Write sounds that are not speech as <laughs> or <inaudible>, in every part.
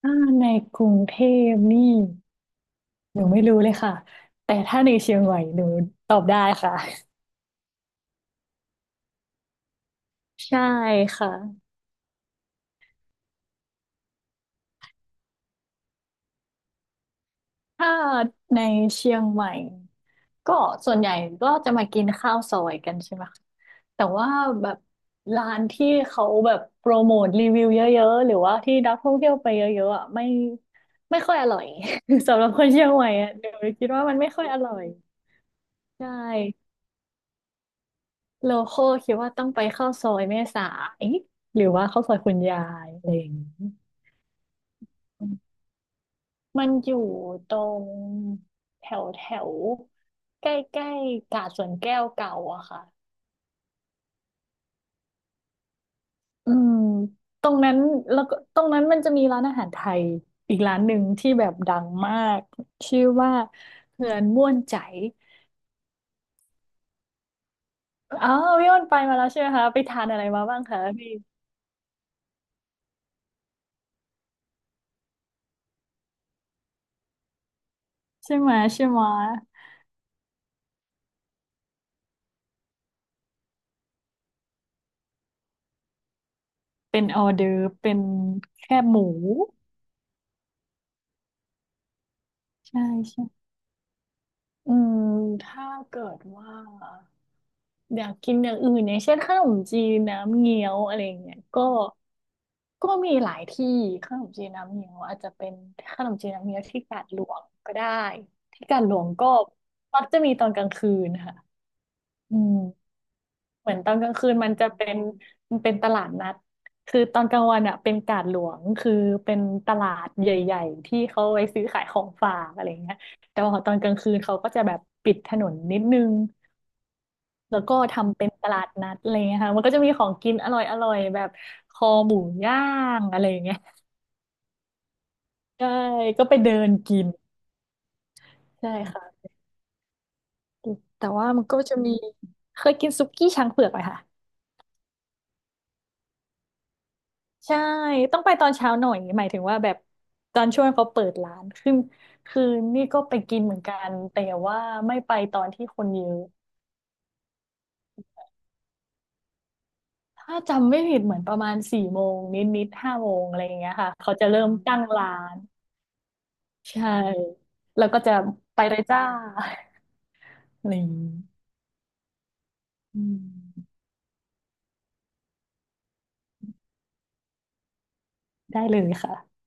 ถ้าในกรุงเทพนี่หนูไม่รู้เลยค่ะแต่ถ้าในเชียงใหม่หนูตอบได้ค่ะใช่ค่ะถ้าในเชียงใหม่ก็ส่วนใหญ่ก็จะมากินข้าวซอยกันใช่ไหมคะแต่ว่าแบบร้านที่เขาแบบโปรโมทรีวิวเยอะๆหรือว่าที่นักท่องเที่ยวไปเยอะๆอ่ะไม่ค่อยอร่อย <laughs> สำหรับคนเชียงใหม่อ่ะหนูคิดว่ามันไม่ค่อยอร่อยใช่ โลคอลคิดว่าต้องไปเข้าซอยแม่สายหรือว่าเข้าซอยคุณยายอะไรอย่างนี้อืมมันอยู่ตรงแถวแถวใกล้ใกล้กาดสวนแก้วเก่าอะค่ะอืมตรงนั้นแล้วก็ตรงนั้นมันจะมีร้านอาหารไทยอีกร้านหนึ่งที่แบบดังมากชื่อว่าเฮือนม่วนใจอ๋อพี่อ้นไปมาแล้วใช่ไหมคะไปทานอะไรมาบ้างคะพี่ใช่ไหมใช่ไหมเป็นออเดอร์ฟเป็นแคบหมูใช่ อืมถ้าเกิดว่าอยากกินอย่างอื่นอย่างเช่นขนมจีนน้ำเงี้ยวอะไรอย่างเงี้ยก็มีหลายที่ขนมจีนน้ำเงี้ยวอาจจะเป็นขนมจีนน้ำเงี้ยวที่กาดหลวงก็ได้ที่กาดหลวงก็มักจะมีตอนกลางคืนค่ะอืมเหมือนตอนกลางคืนมันจะเป็นมันเป็นตลาดนัดคือตอนกลางวันอ่ะเป็นกาดหลวงคือเป็นตลาดใหญ่ๆที่เขาไว้ซื้อขายของฝากอะไรเงี้ยแต่ว่าตอนกลางคืนเขาก็จะแบบปิดถนนนิดนึง แล้วก็ทำเป็นตลาดนัดอะไรอย่างเงี้ยค่ะมันก็จะมีของกินอร่อยอร่อยแบบคอหมูย่างอะไรอย่างเงี้ย <laughs> ใช่ก็ไปเดินกินใช่ค่ะ แต่ว่ามันก็จะมีเคยกินซุกี้ช้างเผือกไหมคะใช่ต้องไปตอนเช้าหน่อยหมายถึงว่าแบบตอนช่วงเขาเปิดร้านคือนี่ก็ไปกินเหมือนกัน แต่ว่าไม่ไปตอนที่คนเยอะถ้าจำไม่ผิดเหมือนประมาณสี่โมงนิดๆห้าโมงอะไรอย่างเงี้ยค่ะเขาจะเริ่มตั้งร้าน ใช่แล้วก็จะไปเลยจ้าอะไรอย่างนี้อืมได้เลยค่ะ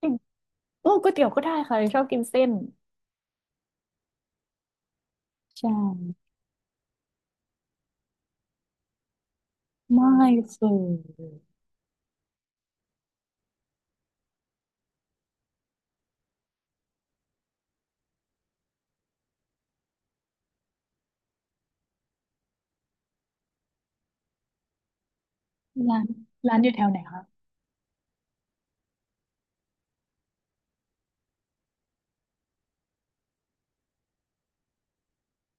อืมโอ้ก๋วยเตี๋ยวก็ได้ค่ะชอบกินเส้นใช่ไม่เคยร้านร้านอยู่แถวไหนคะ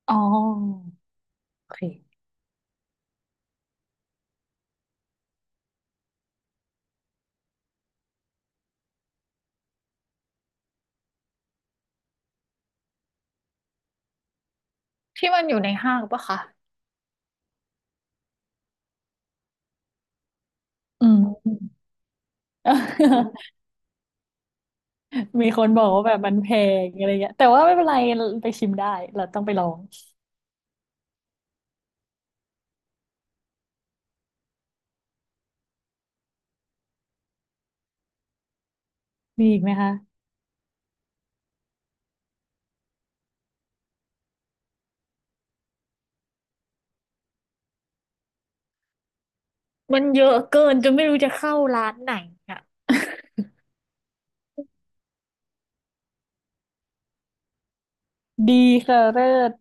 อ๋อโอเคที่มันอยู่ในห้างปะคะอืม <laughs> มีคนบอกว่าแบบมันแพงอะไรเงี้ยแต่ว่าไม่เป็นไรไปชิมได้เราต้องไปลองมีอีกไหมคะมันเยอะเกินจนไม่รู้จะเข้าร้านไหนอ่ะ <laughs> ดีค่ะเลิศ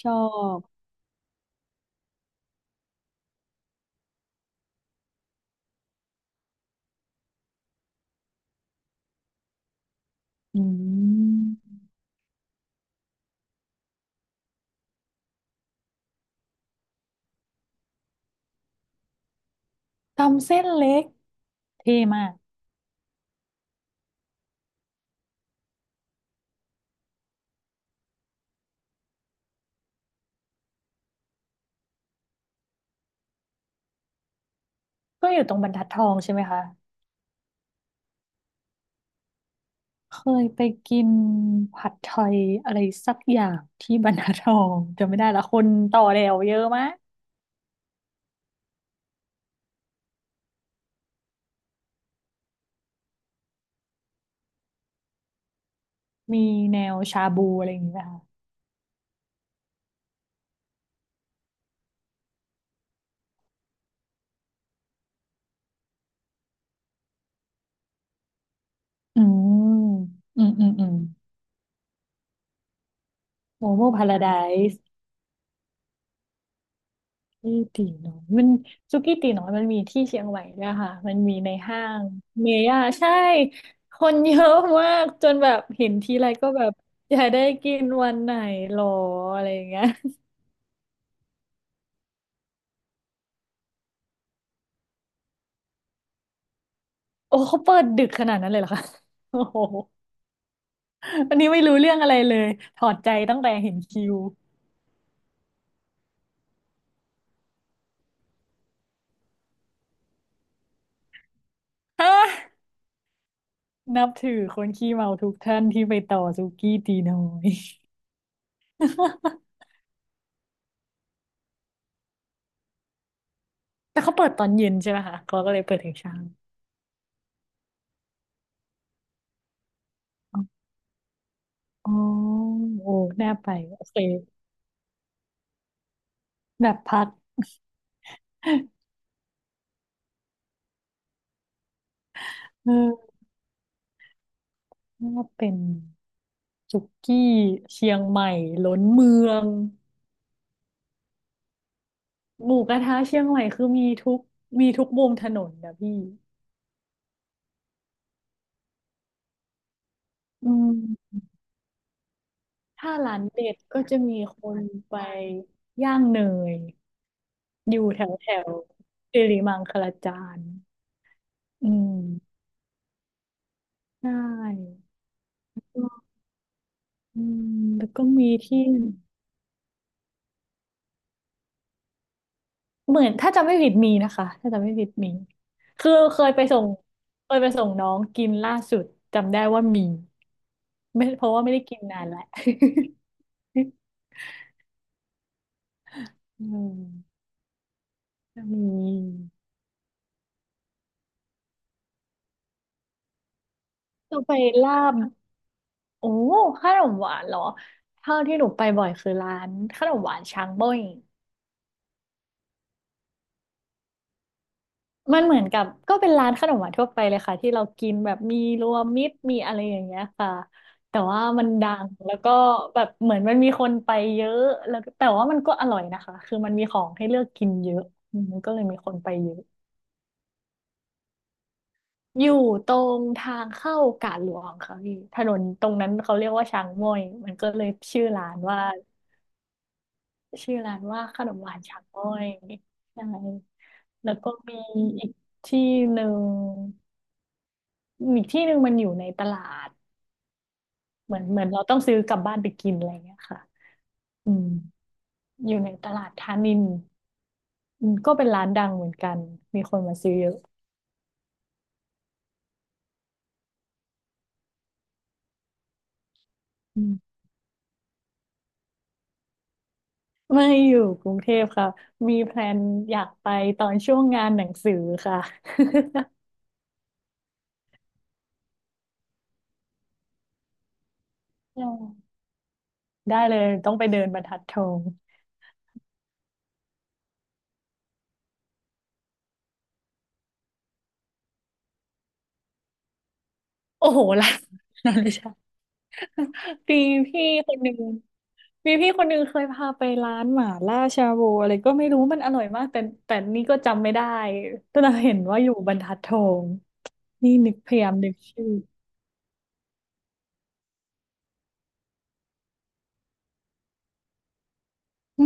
ชอบอืมตำเส้นเล็กเท่มากก็อยู่ตรงบรรทัดทองใช่ไหมคะ เคยไปกินผัดไทยอะไรสักอย่างที่บรรทัดทองจำไม่ได้ละคนต่อแถวเยอะมาก มีแนวชาบูอะไรอย่างเงี้ยค่ะ อืมอืมอืมอืมโมโมพาราได ที่ตีน้อยมันสุกี้ตีน้อยมันมีที่เชียงใหม่ด้วยค่ะมันมีในห้างเมย่าใช่คนเยอะมากจนแบบเห็นทีไรก็แบบอยากได้กินวันไหนหรออะไรอย่างเงี้ยโอ้เขาเปิดดึกขนาดนั้นเลยเหรอคะโอ้โหอันนี้ไม่รู้เรื่องอะไรเลยถอดใจตั้งแต่เห็นคิวฮะนับถือคนขี้เมาทุกท่านที่ไปต่อสุกี้ตีน้อย <laughs> แต่เขาเปิดตอนเย็นใช่ไหมคะเขาก็เลยเปิดถึงเช้าอ๋อโอ้น่าไปโอเค แบบพัก <laughs> เออว่าเป็นสุกี้เชียงใหม่ล้นเมืองหมูกระทะเชียงใหม่คือมีทุกมุมถนนนะพี่อืมถ้าร้านเด็ดก็จะมีคนไปย่างเนยอยู่แถวแถวสิริมังคลาจารย์อืมใช่อืมแล้วก็มีที่ เหมือนถ้าจำไม่ผิดมีนะคะถ้าจำไม่ผิดมีคือเคยไปส่งน้องกินล่าสุดจำได้ว่ามีไม่เพราะว่าไม่ได้กินนานแล้ว <laughs> อืมมีต้องไปลาบโอ้ขนมหวานเหรอเท่าที่หนูไปบ่อยคือร้านขนมหวานช้างเบ้ย มันเหมือนกับก็เป็นร้านขนมหวานทั่วไปเลยค่ะที่เรากินแบบมีรวมมิตรมีอะไรอย่างเงี้ยค่ะแต่ว่ามันดังแล้วก็แบบเหมือนมันมีคนไปเยอะแล้วแต่ว่ามันก็อร่อยนะคะคือมันมีของให้เลือกกินเยอะอืมมันก็เลยมีคนไปเยอะอยู่ตรงทางเข้ากาดหลวงค่ะพี่ถนนตรงนั้นเขาเรียกว่าช้างม้อยมันก็เลยชื่อร้านว่าขนมหวานช้างม้อยใช่แล้วก็มีอีกที่หนึ่ง อีกที่หนึ่งมันอยู่ในตลาดเหมือนเราต้องซื้อกลับบ้านไปกินอะไรเงี้ยค่ะอืมอยู่ในตลาดธานินอืมก็เป็นร้านดังเหมือนกันมีคนมาซื้อเยอะอืมไม่อยู่กรุงเทพค่ะมีแพลนอยากไปตอนช่วงงานหนังสือค่ะ <laughs> ได้เลยต้องไปเดินบรรทัดทองโอ้โหล้ะ <laughs> นั้น <laughs> ไล่ใช่ <laughs> มีพี่คนหนึ่งมีพี่คนหนึ่งเคยพาไปร้านหม่าล่าชาบูอะไรก็ไม่รู้มันอร่อยมากแต่แต่นี่ก็จำไม่ได้แต่เราเห็นว่าอยู่บรรทัดทองนี่นึกพยายามนึกชื่อ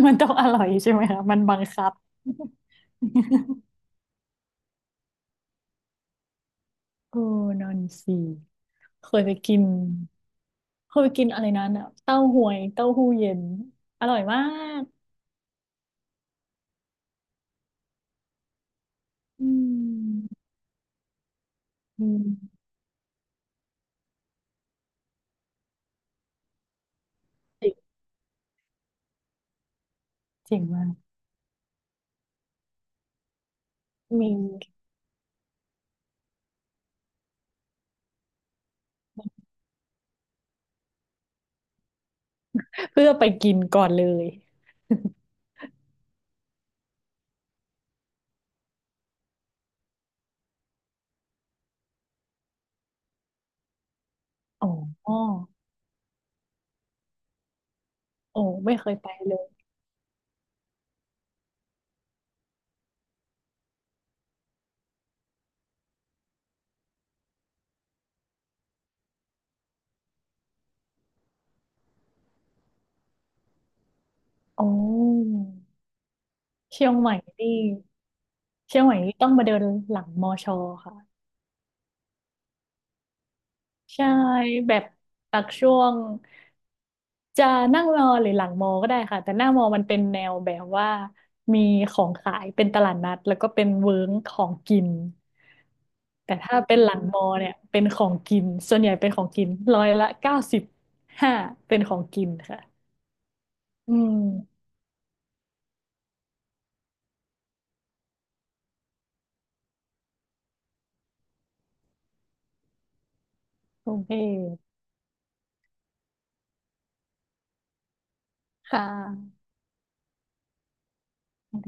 มันต้องอร่อยใช่ไหมคะมันบังคับ <laughs> โอ้นอนสีเคยไปกินเคยไปกินอะไรนั้นอ่ะเต้าหวยเต้าหู้เย็นอร่อยมากอืมอืมเจ๋งเจ๋งมากมี เพื่อไปกินก่อนเลยอ๋อโอ้ไม่เคยไปเลยอ๋อเชียงใหม่นี่เชียงใหม่นี่ต้องมาเดินหลังมอชอค่ะใช่แบบตักช่วงจะนั่งรอหรือหลังมอก็ได้ค่ะ แต่หน้ามอมันเป็นแนวแบบว่ามีของขายเป็นตลาดนัดแล้วก็เป็นเวิ้งของกิน แต่ถ้าเป็นหลังมอเนี่ยเป็นของกินส่วนใหญ่เป็นของกินร้อยละ 95เป็นของกินค่ะ อืมโอเคค่ะ